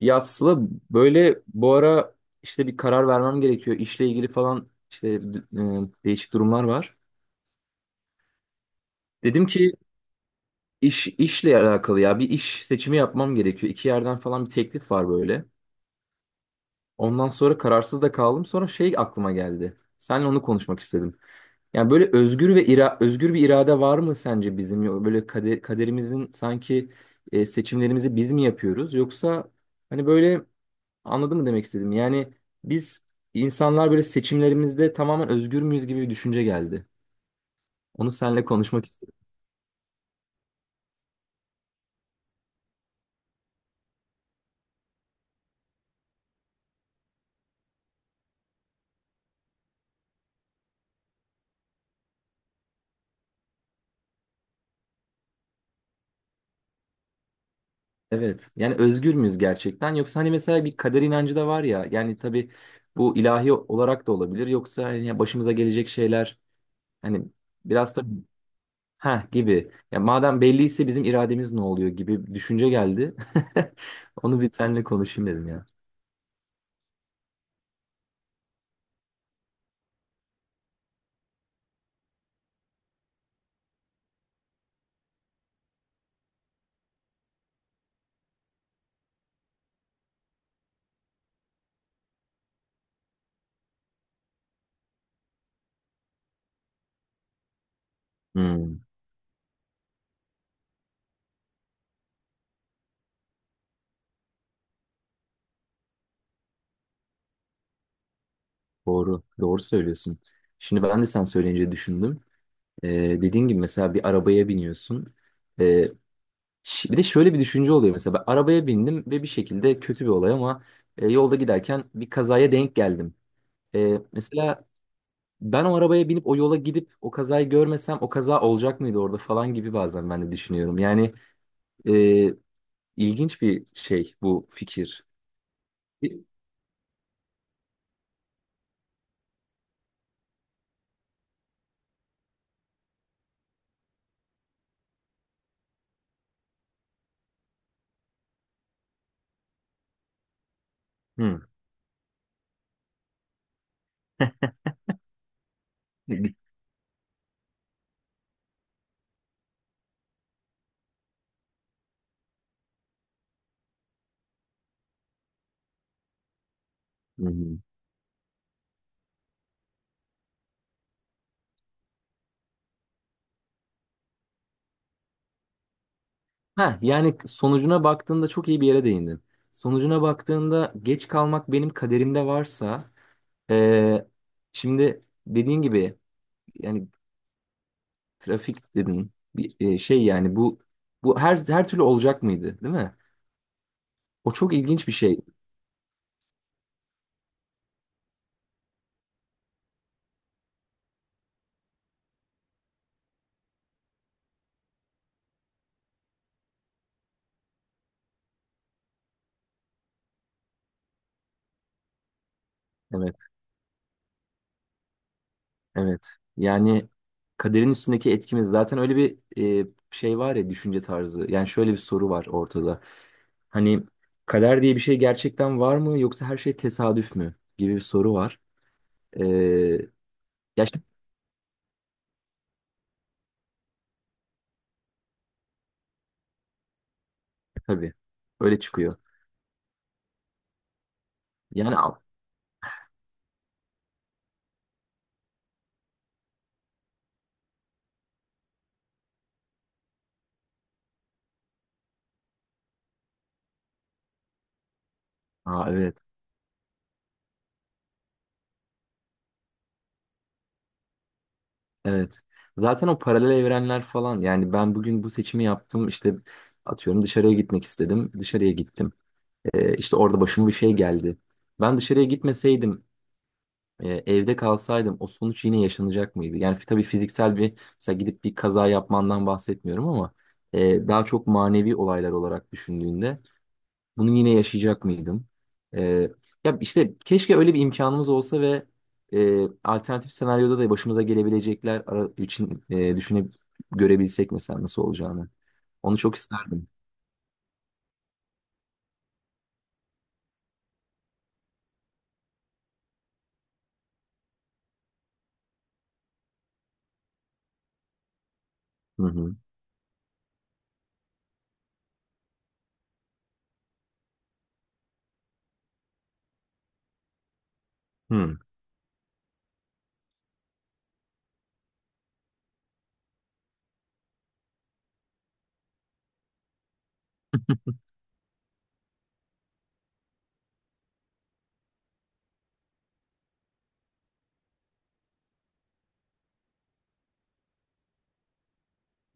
Ya Sıla böyle bu ara işte bir karar vermem gerekiyor. İşle ilgili falan işte değişik durumlar var. Dedim ki işle alakalı ya bir iş seçimi yapmam gerekiyor. İki yerden falan bir teklif var böyle. Ondan sonra kararsız da kaldım. Sonra şey aklıma geldi. Seninle onu konuşmak istedim. Yani böyle özgür bir irade var mı sence bizim? Böyle kaderimizin sanki, seçimlerimizi biz mi yapıyoruz? Yoksa hani böyle anladın mı demek istedim? Yani biz insanlar böyle seçimlerimizde tamamen özgür müyüz gibi bir düşünce geldi. Onu seninle konuşmak istedim. Evet. Yani özgür müyüz gerçekten? Yoksa hani mesela bir kader inancı da var ya. Yani tabii bu ilahi olarak da olabilir. Yoksa hani ya başımıza gelecek şeyler hani biraz da ha gibi. Ya madem belliyse bizim irademiz ne oluyor gibi bir düşünce geldi. Onu bir seninle konuşayım dedim ya. Hmm, doğru. Doğru söylüyorsun. Şimdi ben de sen söyleyince düşündüm. Ee, dediğin gibi mesela bir arabaya biniyorsun. Ee, bir de şöyle bir düşünce oluyor mesela ben arabaya bindim ve bir şekilde kötü bir olay ama, yolda giderken bir kazaya denk geldim. Mesela ben o arabaya binip o yola gidip o kazayı görmesem o kaza olacak mıydı orada falan gibi bazen ben de düşünüyorum. Yani e, ilginç bir şey bu fikir. Hı. Hı. Hı. Ha, yani sonucuna baktığında çok iyi bir yere değindin. Sonucuna baktığında geç kalmak benim kaderimde varsa, Ee, şimdi dediğin gibi yani trafik dedin bir, şey yani bu her türlü olacak mıydı, değil mi? O çok ilginç bir şey. Evet, evet. Yani kaderin üstündeki etkimiz zaten öyle bir, şey var ya düşünce tarzı. Yani şöyle bir soru var ortada. Hani kader diye bir şey gerçekten var mı, yoksa her şey tesadüf mü gibi bir soru var. Ee, ya şimdi tabii öyle çıkıyor. Yani al. Aa, evet. Evet. Zaten o paralel evrenler falan yani ben bugün bu seçimi yaptım işte, atıyorum dışarıya gitmek istedim, dışarıya gittim. İşte orada başıma bir şey geldi. Ben dışarıya gitmeseydim, evde kalsaydım o sonuç yine yaşanacak mıydı? Yani tabii fiziksel bir mesela gidip bir kaza yapmandan bahsetmiyorum ama, daha çok manevi olaylar olarak düşündüğünde bunu yine yaşayacak mıydım? Ee, ya işte keşke öyle bir imkanımız olsa ve, alternatif senaryoda da başımıza gelebilecekler için, düşünüp görebilsek mesela nasıl olacağını. Onu çok isterdim. Hı hı. Hı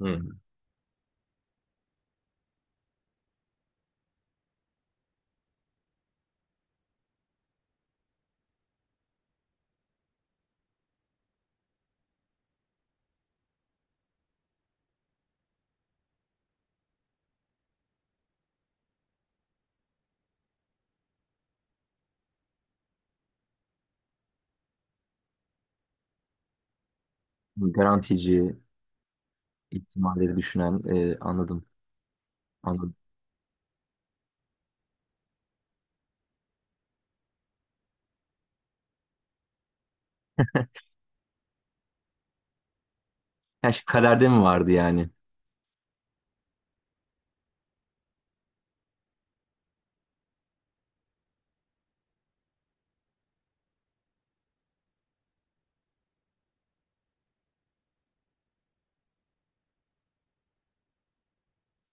hı. Garantici, ihtimalleri düşünen, anladım. Anladım. Yani şey, kaderde mi vardı yani?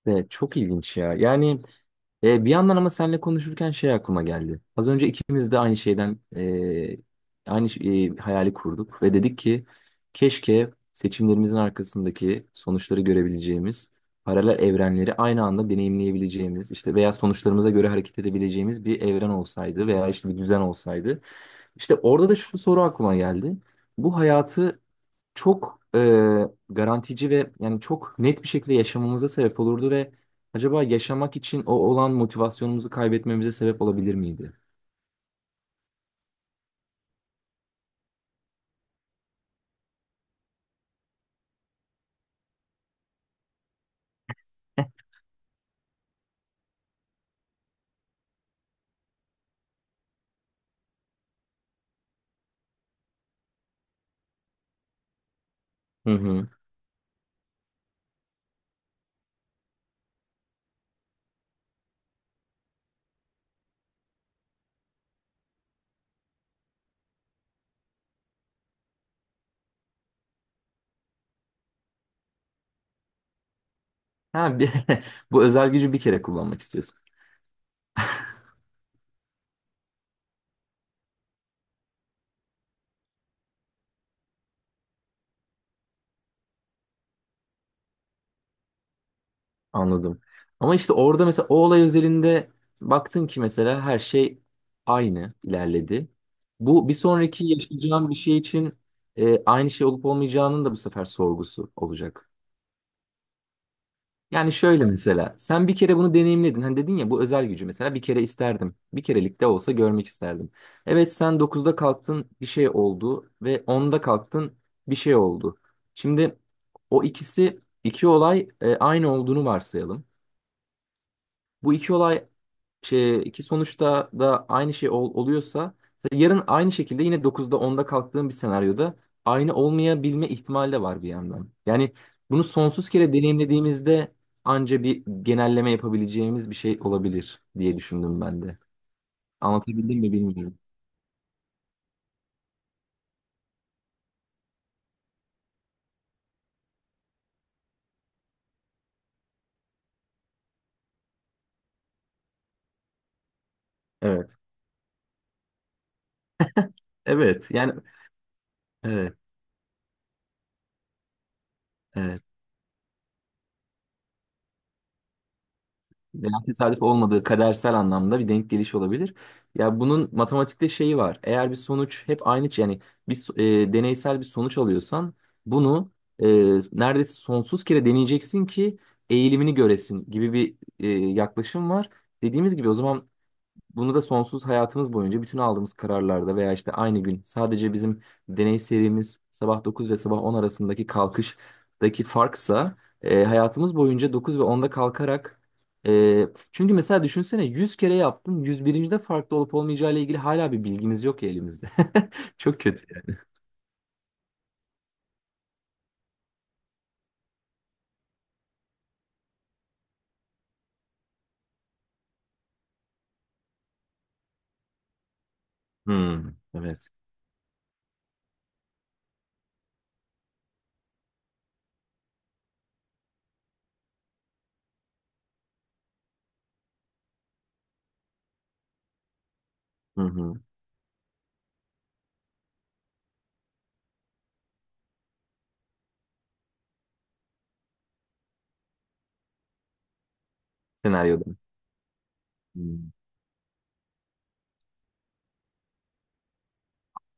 Evet, çok ilginç ya. Yani bir yandan ama seninle konuşurken şey aklıma geldi. Az önce ikimiz de aynı şeyden, aynı hayali kurduk ve dedik ki keşke seçimlerimizin arkasındaki sonuçları görebileceğimiz, paralel evrenleri aynı anda deneyimleyebileceğimiz, işte veya sonuçlarımıza göre hareket edebileceğimiz bir evren olsaydı veya işte bir düzen olsaydı. İşte orada da şu soru aklıma geldi. Bu hayatı çok, garantici ve yani çok net bir şekilde yaşamamıza sebep olurdu ve acaba yaşamak için o olan motivasyonumuzu kaybetmemize sebep olabilir miydi? Hı hı. Ha, bu özel gücü bir kere kullanmak istiyorsun. Anladım. Ama işte orada mesela o olay özelinde baktın ki mesela her şey aynı ilerledi. Bu bir sonraki yaşayacağım bir şey için, aynı şey olup olmayacağının da bu sefer sorgusu olacak. Yani şöyle mesela sen bir kere bunu deneyimledin. Hani dedin ya bu özel gücü mesela bir kere isterdim. Bir kerelik de olsa görmek isterdim. Evet, sen dokuzda kalktın bir şey oldu ve onda kalktın bir şey oldu. Şimdi o ikisi iki olay, aynı olduğunu varsayalım. Bu iki olay şey, iki sonuçta da aynı şey oluyorsa yarın aynı şekilde yine dokuzda onda kalktığım bir senaryoda aynı olmayabilme ihtimali de var bir yandan. Yani bunu sonsuz kere deneyimlediğimizde anca bir genelleme yapabileceğimiz bir şey olabilir diye düşündüm ben de. Anlatabildim mi bilmiyorum. Evet. Evet. Yani evet. Evet. Veya tesadüf olmadığı, kadersel anlamda bir denk geliş olabilir. Ya bunun matematikte şeyi var. Eğer bir sonuç hep aynı, yani bir deneysel bir sonuç alıyorsan bunu e, neredeyse sonsuz kere deneyeceksin ki eğilimini göresin gibi bir, yaklaşım var. Dediğimiz gibi o zaman bunu da sonsuz hayatımız boyunca bütün aldığımız kararlarda veya işte aynı gün sadece bizim deney serimiz sabah 9 ve sabah 10 arasındaki kalkıştaki farksa, hayatımız boyunca 9 ve 10'da kalkarak, e, çünkü mesela düşünsene 100 kere yaptın 101. de farklı olup olmayacağı ile ilgili hala bir bilgimiz yok ya elimizde. Çok kötü yani. Hmm, evet. Hı hı. Senaryoda. Hmm.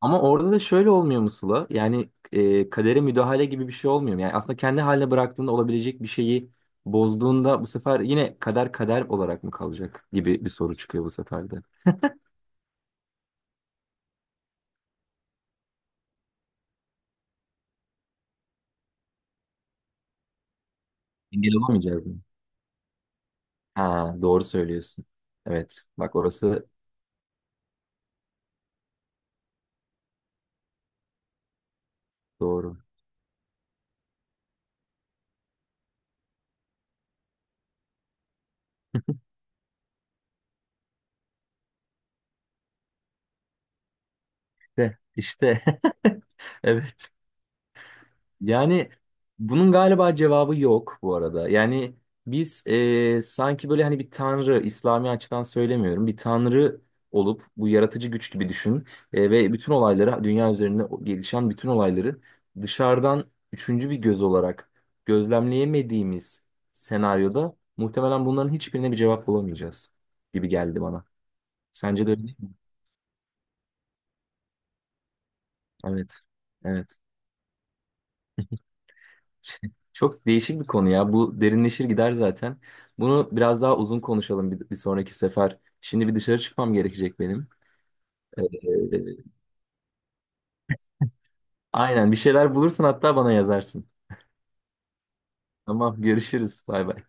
Ama orada da şöyle olmuyor mu Sıla? Yani, kadere müdahale gibi bir şey olmuyor mu? Yani aslında kendi haline bıraktığında olabilecek bir şeyi bozduğunda bu sefer yine kader kader olarak mı kalacak gibi bir soru çıkıyor bu sefer de. Engel olamayacağız mı? Ha, doğru söylüyorsun. Evet. Bak orası doğru. İşte, işte. Evet. Yani bunun galiba cevabı yok bu arada. Yani biz, sanki böyle hani bir tanrı, İslami açıdan söylemiyorum, bir tanrı olup bu yaratıcı güç gibi düşün, ve bütün olayları, dünya üzerinde gelişen bütün olayları dışarıdan üçüncü bir göz olarak gözlemleyemediğimiz senaryoda muhtemelen bunların hiçbirine bir cevap bulamayacağız gibi geldi bana. Sence de öyle değil mi? Evet. Evet. Çok değişik bir konu ya. Bu derinleşir gider zaten. Bunu biraz daha uzun konuşalım bir sonraki sefer. Şimdi bir dışarı çıkmam gerekecek benim. Ee, aynen bir şeyler bulursun, hatta bana yazarsın. Tamam, görüşürüz. Bay bay.